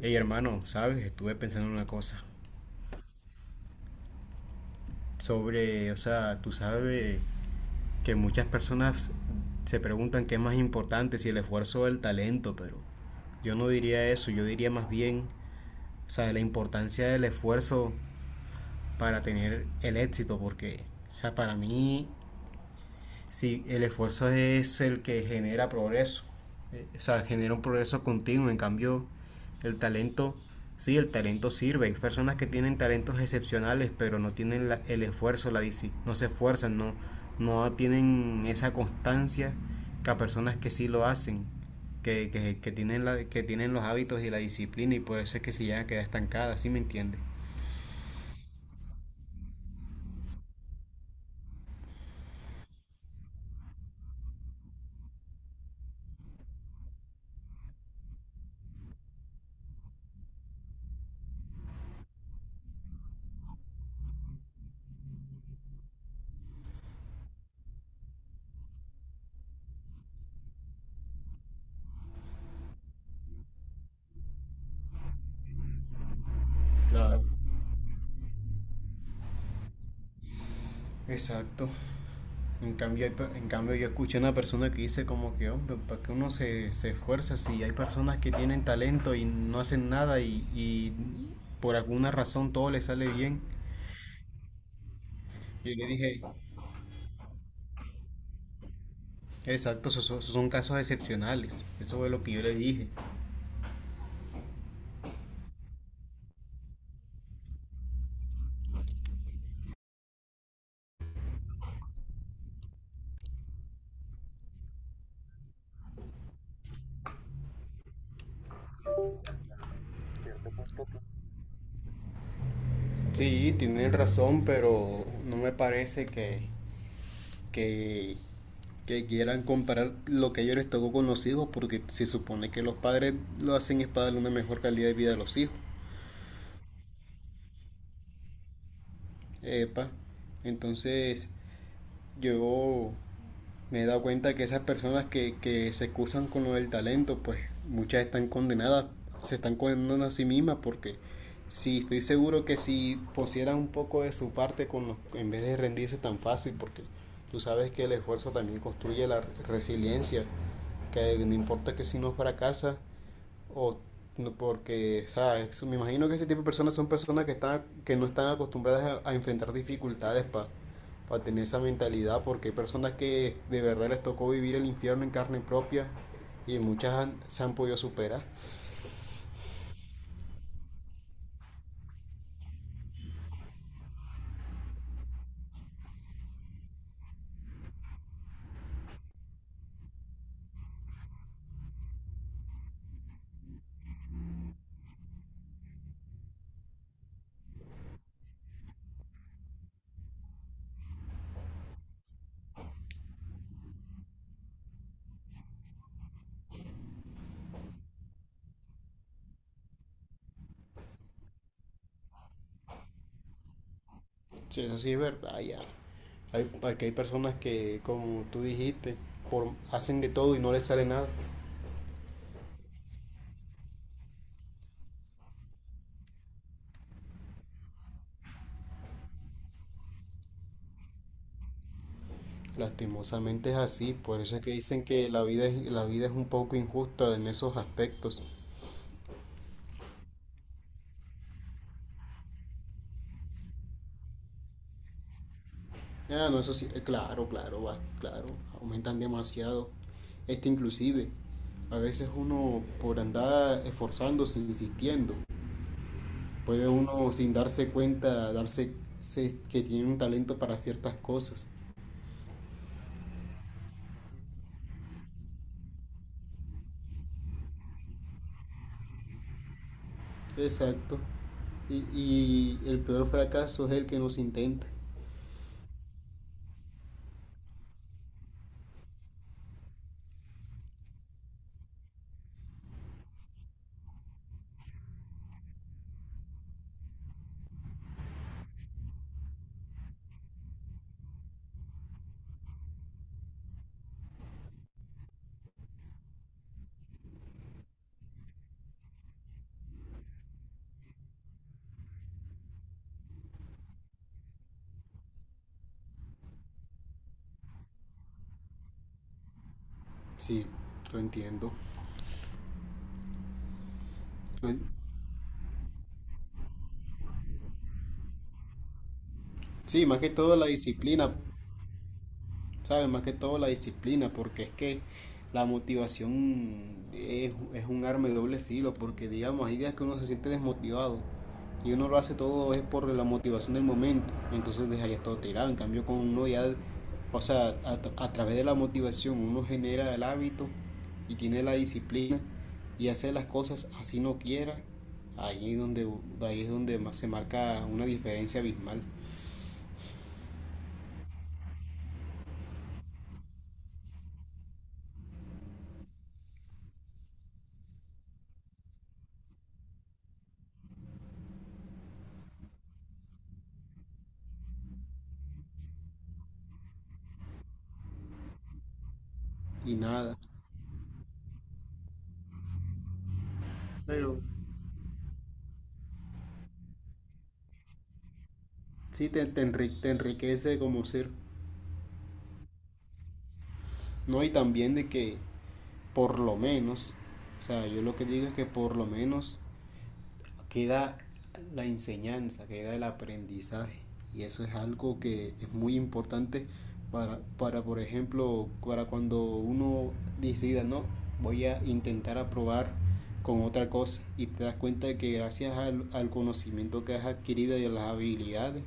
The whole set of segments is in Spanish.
Hey hermano, sabes, estuve pensando en una cosa sobre, o sea, tú sabes que muchas personas se preguntan qué es más importante, si el esfuerzo o el talento, pero yo no diría eso, yo diría más bien, o sea, la importancia del esfuerzo para tener el éxito, porque, o sea, para mí sí, el esfuerzo es el que genera progreso, o sea, genera un progreso continuo. En cambio, el talento, sí, el talento sirve. Hay personas que tienen talentos excepcionales, pero no tienen el esfuerzo, no se esfuerzan, no, no tienen esa constancia que a personas que sí lo hacen, que tienen que tienen los hábitos y la disciplina y por eso es que se llegan a quedar estancadas, ¿sí me entiendes? Claro. Exacto. En cambio, hay en cambio yo escuché una persona que dice como que, hombre, ¿para qué uno se esfuerza si hay personas que tienen talento y no hacen nada y por alguna razón todo les sale bien? Yo le dije, exacto, esos son casos excepcionales, eso fue lo que yo le dije. Sí, tienen razón, pero no me parece que, que quieran comparar lo que ellos les tocó con los hijos, porque se supone que los padres lo hacen es para darle una mejor calidad de vida a los hijos. Epa, entonces yo me he dado cuenta que esas personas que se excusan con lo del talento, pues muchas están condenadas, se están condenando a sí mismas porque sí, estoy seguro que si pusieran un poco de su parte con los, en vez de rendirse tan fácil, porque tú sabes que el esfuerzo también construye la resiliencia, que no importa que si no fracasa, o no, porque, ¿sabes? Me imagino que ese tipo de personas son personas que están, que no están acostumbradas a enfrentar dificultades para tener esa mentalidad, porque hay personas que de verdad les tocó vivir el infierno en carne propia y se han podido superar. Sí, eso sí es verdad, ya. Hay, aquí hay personas que, como tú dijiste, por, hacen de todo y no les sale nada. Lastimosamente es así, por eso es que dicen que la vida es un poco injusta en esos aspectos. Ah, no, eso sí, claro, claro, claro, aumentan demasiado. Este inclusive, a veces uno por andar esforzándose, insistiendo, puede uno sin darse cuenta, darse que tiene un talento para ciertas cosas. Exacto. Y el peor fracaso es el que no se intenta. Sí, lo entiendo. Lo en- Sí, más que todo la disciplina, ¿sabes? Más que todo la disciplina, porque es que la motivación es un arma de doble filo, porque digamos, hay días que uno se siente desmotivado y uno lo hace todo es por la motivación del momento, entonces dejaría todo tirado, en cambio con uno ya, o sea, a través de la motivación uno genera el hábito y tiene la disciplina y hace las cosas así no quiera, ahí, es donde, ahí es donde más se marca una diferencia abismal y nada. Pero sí, te enriquece como ser. No, y también de que por lo menos, o sea, yo lo que digo es que por lo menos queda la enseñanza, queda el aprendizaje. Y eso es algo que es muy importante para por ejemplo, para cuando uno decida, no, voy a intentar aprobar con otra cosa y te das cuenta de que gracias al conocimiento que has adquirido y a las habilidades,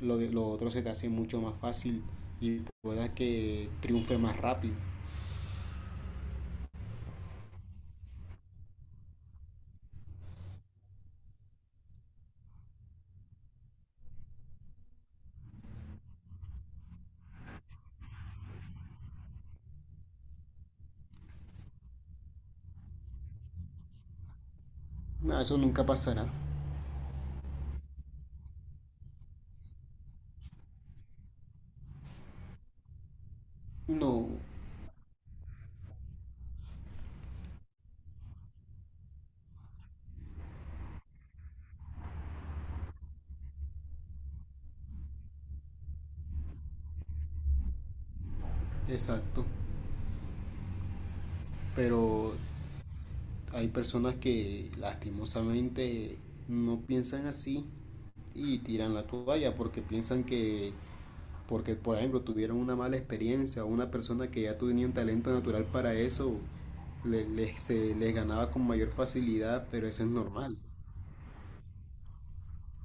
lo otro se te hace mucho más fácil y puedas que triunfe más rápido. No, eso nunca pasará. No, exacto. Pero hay personas que lastimosamente no piensan así y tiran la toalla porque piensan que porque por ejemplo tuvieron una mala experiencia o una persona que ya tenía un talento natural para eso se les ganaba con mayor facilidad, pero eso es normal.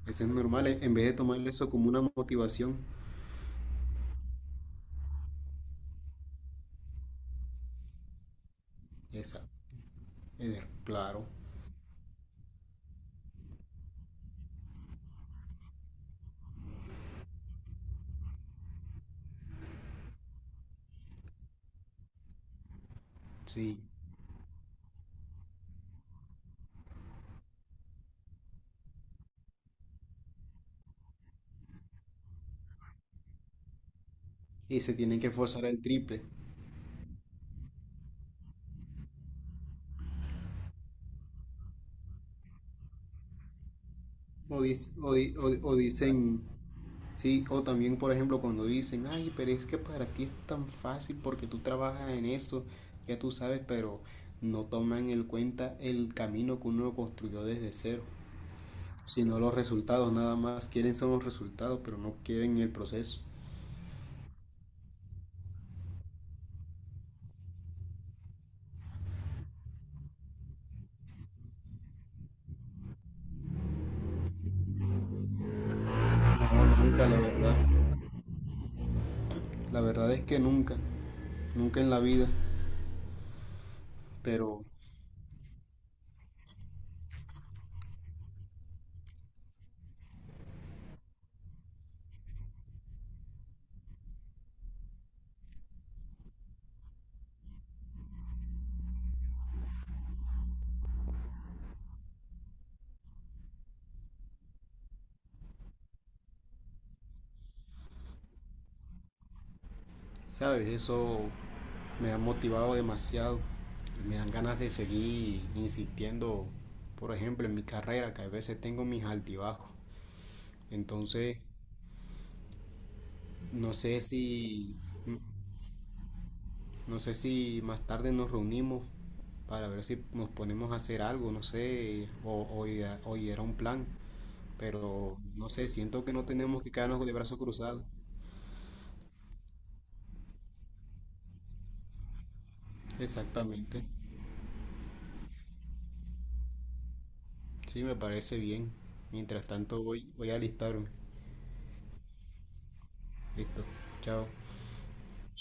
Eso es normal en vez de tomar eso como una motivación. Esa, claro. Sí. Y se tienen que forzar el triple. O dicen, sí, o también, por ejemplo, cuando dicen, ay, pero es que para ti es tan fácil porque tú trabajas en eso, ya tú sabes, pero no toman en cuenta el camino que uno construyó desde cero, sino los resultados, nada más quieren son los resultados, pero no quieren el proceso. No, nunca, la verdad. La verdad es que nunca, nunca en la vida, pero sabes, eso me ha motivado demasiado. Me dan ganas de seguir insistiendo, por ejemplo, en mi carrera, que a veces tengo mis altibajos. Entonces, no sé si, no sé si más tarde nos reunimos para ver si nos ponemos a hacer algo, no sé, o idear un plan. Pero no sé, siento que no tenemos que quedarnos de brazos cruzados. Exactamente. Sí, me parece bien. Mientras tanto voy a alistarme. Listo. Chao.